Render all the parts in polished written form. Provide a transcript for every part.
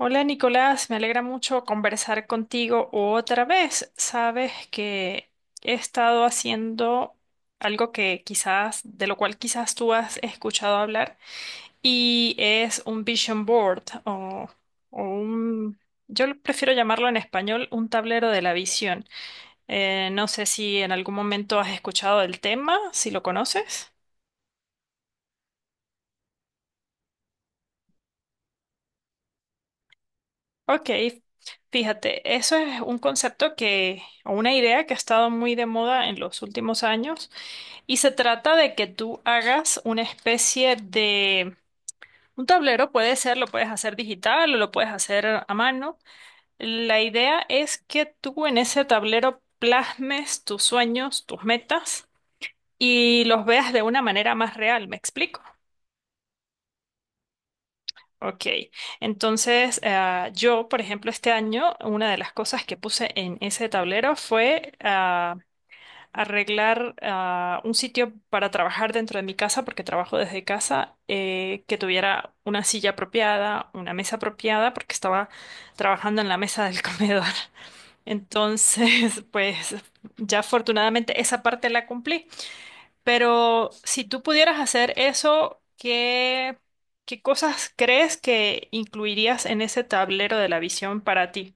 Hola Nicolás, me alegra mucho conversar contigo otra vez. Sabes que he estado haciendo algo que quizás, de lo cual quizás tú has escuchado hablar, y es un vision board o un, yo lo prefiero llamarlo en español, un tablero de la visión. No sé si en algún momento has escuchado del tema, si lo conoces. Ok, fíjate, eso es un concepto o una idea que ha estado muy de moda en los últimos años y se trata de que tú hagas una especie de, un tablero puede ser, lo puedes hacer digital o lo puedes hacer a mano. La idea es que tú en ese tablero plasmes tus sueños, tus metas y los veas de una manera más real, ¿me explico? Ok, entonces yo, por ejemplo, este año, una de las cosas que puse en ese tablero fue arreglar un sitio para trabajar dentro de mi casa, porque trabajo desde casa, que tuviera una silla apropiada, una mesa apropiada, porque estaba trabajando en la mesa del comedor. Entonces, pues ya afortunadamente esa parte la cumplí. Pero si tú pudieras hacer eso, ¿ qué cosas crees que incluirías en ese tablero de la visión para ti?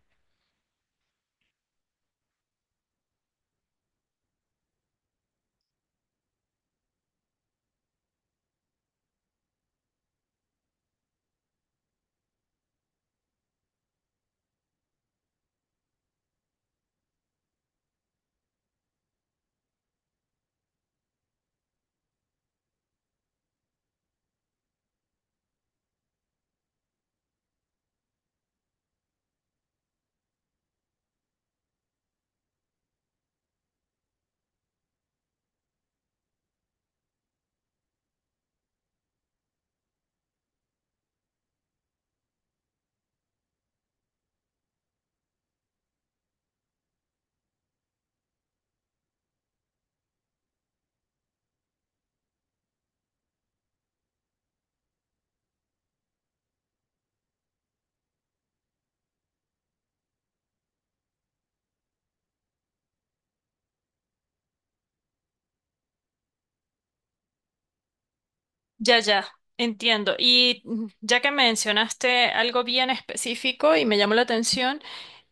Ya, ya, entiendo. Y ya que mencionaste algo bien específico y me llamó la atención,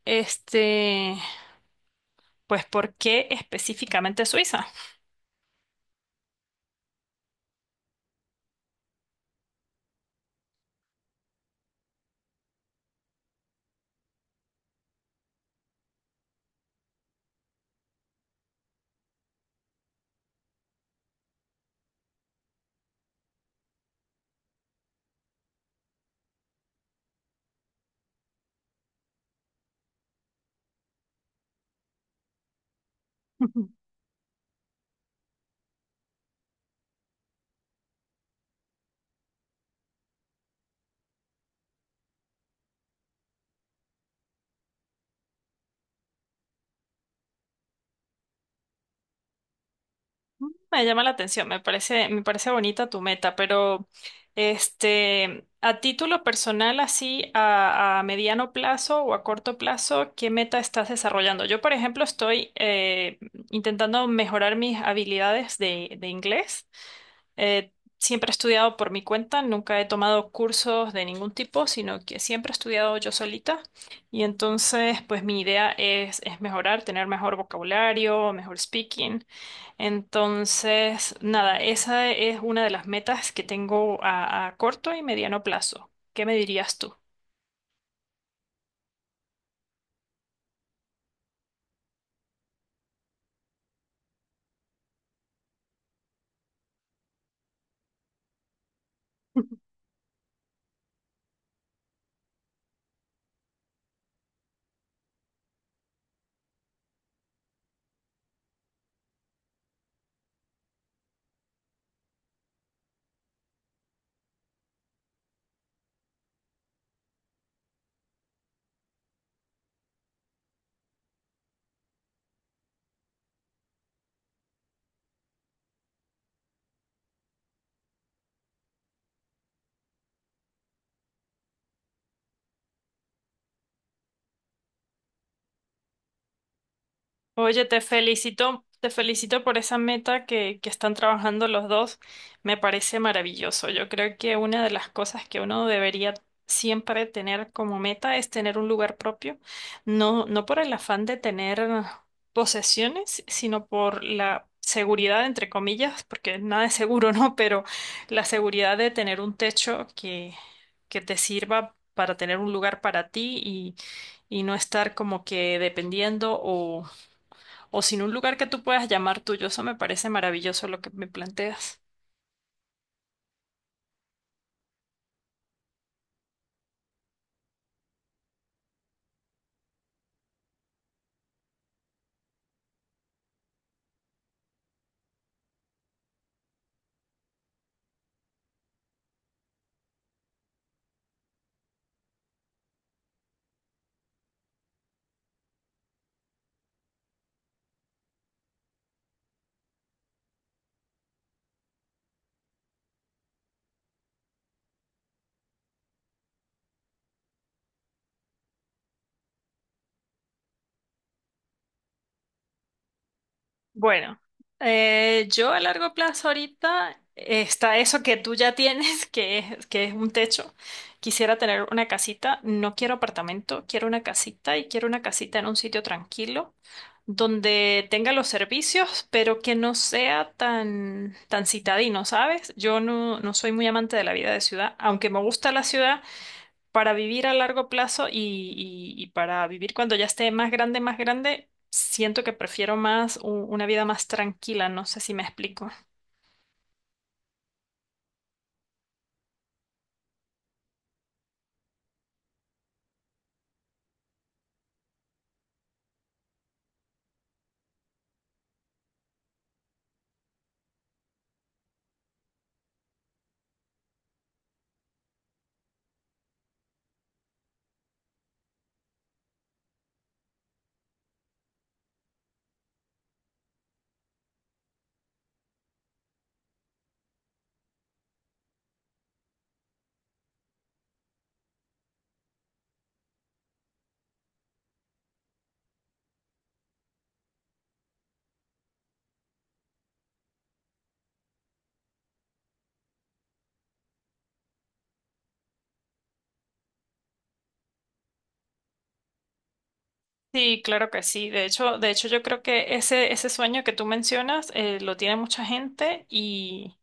este, pues, ¿por qué específicamente Suiza? Me llama la atención, me parece bonita tu meta, pero este, a título personal, así a mediano plazo o a corto plazo, ¿qué meta estás desarrollando? Yo, por ejemplo, estoy intentando mejorar mis habilidades de inglés. Eh, Siempre he estudiado por mi cuenta, nunca he tomado cursos de ningún tipo, sino que siempre he estudiado yo solita. Y entonces, pues mi idea es mejorar, tener mejor vocabulario, mejor speaking. Entonces, nada, esa es una de las metas que tengo a corto y mediano plazo. ¿Qué me dirías tú? Oye, te felicito por esa meta que están trabajando los dos. Me parece maravilloso. Yo creo que una de las cosas que uno debería siempre tener como meta es tener un lugar propio, no, no por el afán de tener posesiones, sino por la seguridad, entre comillas, porque nada es seguro, ¿no? Pero la seguridad de tener un techo que te sirva para tener un lugar para ti y no estar como que dependiendo o sin un lugar que tú puedas llamar tuyo. Eso me parece maravilloso lo que me planteas. Bueno, yo a largo plazo ahorita está eso que tú ya tienes, que es un techo. Quisiera tener una casita, no quiero apartamento, quiero una casita y quiero una casita en un sitio tranquilo, donde tenga los servicios, pero que no sea tan, tan citadino, ¿sabes? Yo no, no soy muy amante de la vida de ciudad, aunque me gusta la ciudad. Para vivir a largo plazo y para vivir cuando ya esté más grande, siento que prefiero más una vida más tranquila, no sé si me explico. Sí, claro que sí. De hecho yo creo que ese sueño que tú mencionas lo tiene mucha gente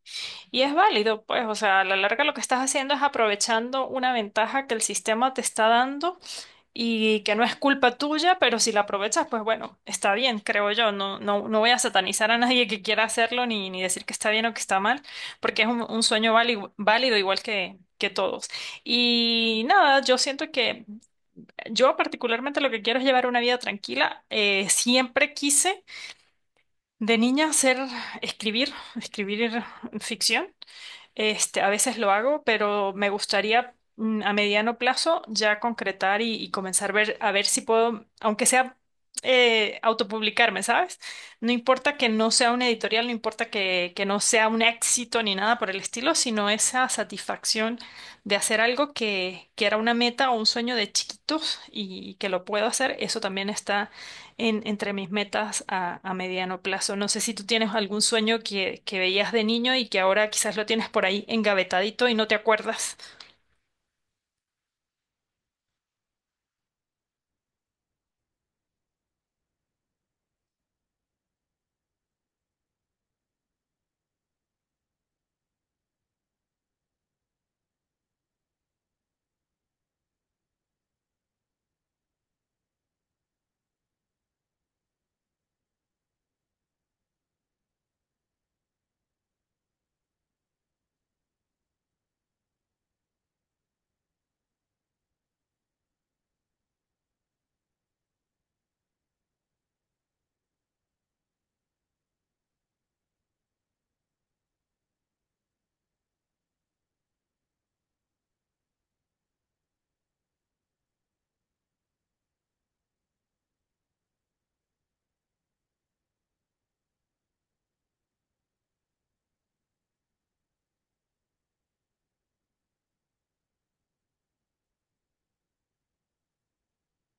y es válido, pues, o sea, a la larga lo que estás haciendo es aprovechando una ventaja que el sistema te está dando y que no es culpa tuya, pero si la aprovechas, pues bueno, está bien, creo yo. No, no, no voy a satanizar a nadie que quiera hacerlo ni decir que está bien o que está mal, porque es un sueño válido, válido igual que todos. Y nada, yo siento que yo particularmente lo que quiero es llevar una vida tranquila. Siempre quise de niña hacer, escribir, escribir ficción. Este, a veces lo hago, pero me gustaría a mediano plazo ya concretar y comenzar a ver si puedo, aunque sea autopublicarme, ¿sabes? No importa que no sea una editorial, no importa que no sea un éxito ni nada por el estilo, sino esa satisfacción de hacer algo que era una meta o un sueño de chiquitos que lo puedo hacer, eso también está entre mis metas a mediano plazo. No sé si tú tienes algún sueño que veías de niño y que ahora quizás lo tienes por ahí engavetadito y no te acuerdas.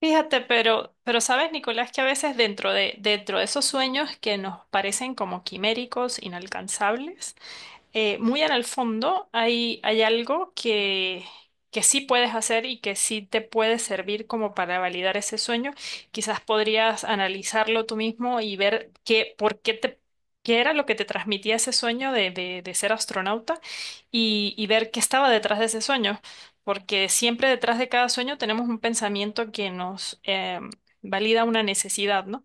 Fíjate, pero sabes, Nicolás, que a veces dentro dentro de esos sueños que nos parecen como quiméricos, inalcanzables, muy en el fondo hay algo que sí puedes hacer y que sí te puede servir como para validar ese sueño. Quizás podrías analizarlo tú mismo y ver por qué qué era lo que te transmitía ese sueño de ser astronauta y ver qué estaba detrás de ese sueño. Porque siempre detrás de cada sueño tenemos un pensamiento que nos em, valida una necesidad, ¿no?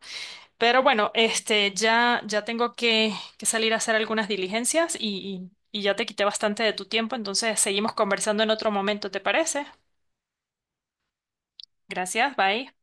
Pero bueno, este, ya, ya tengo que salir a hacer algunas diligencias y ya te quité bastante de tu tiempo, entonces seguimos conversando en otro momento, ¿te parece? Gracias, bye.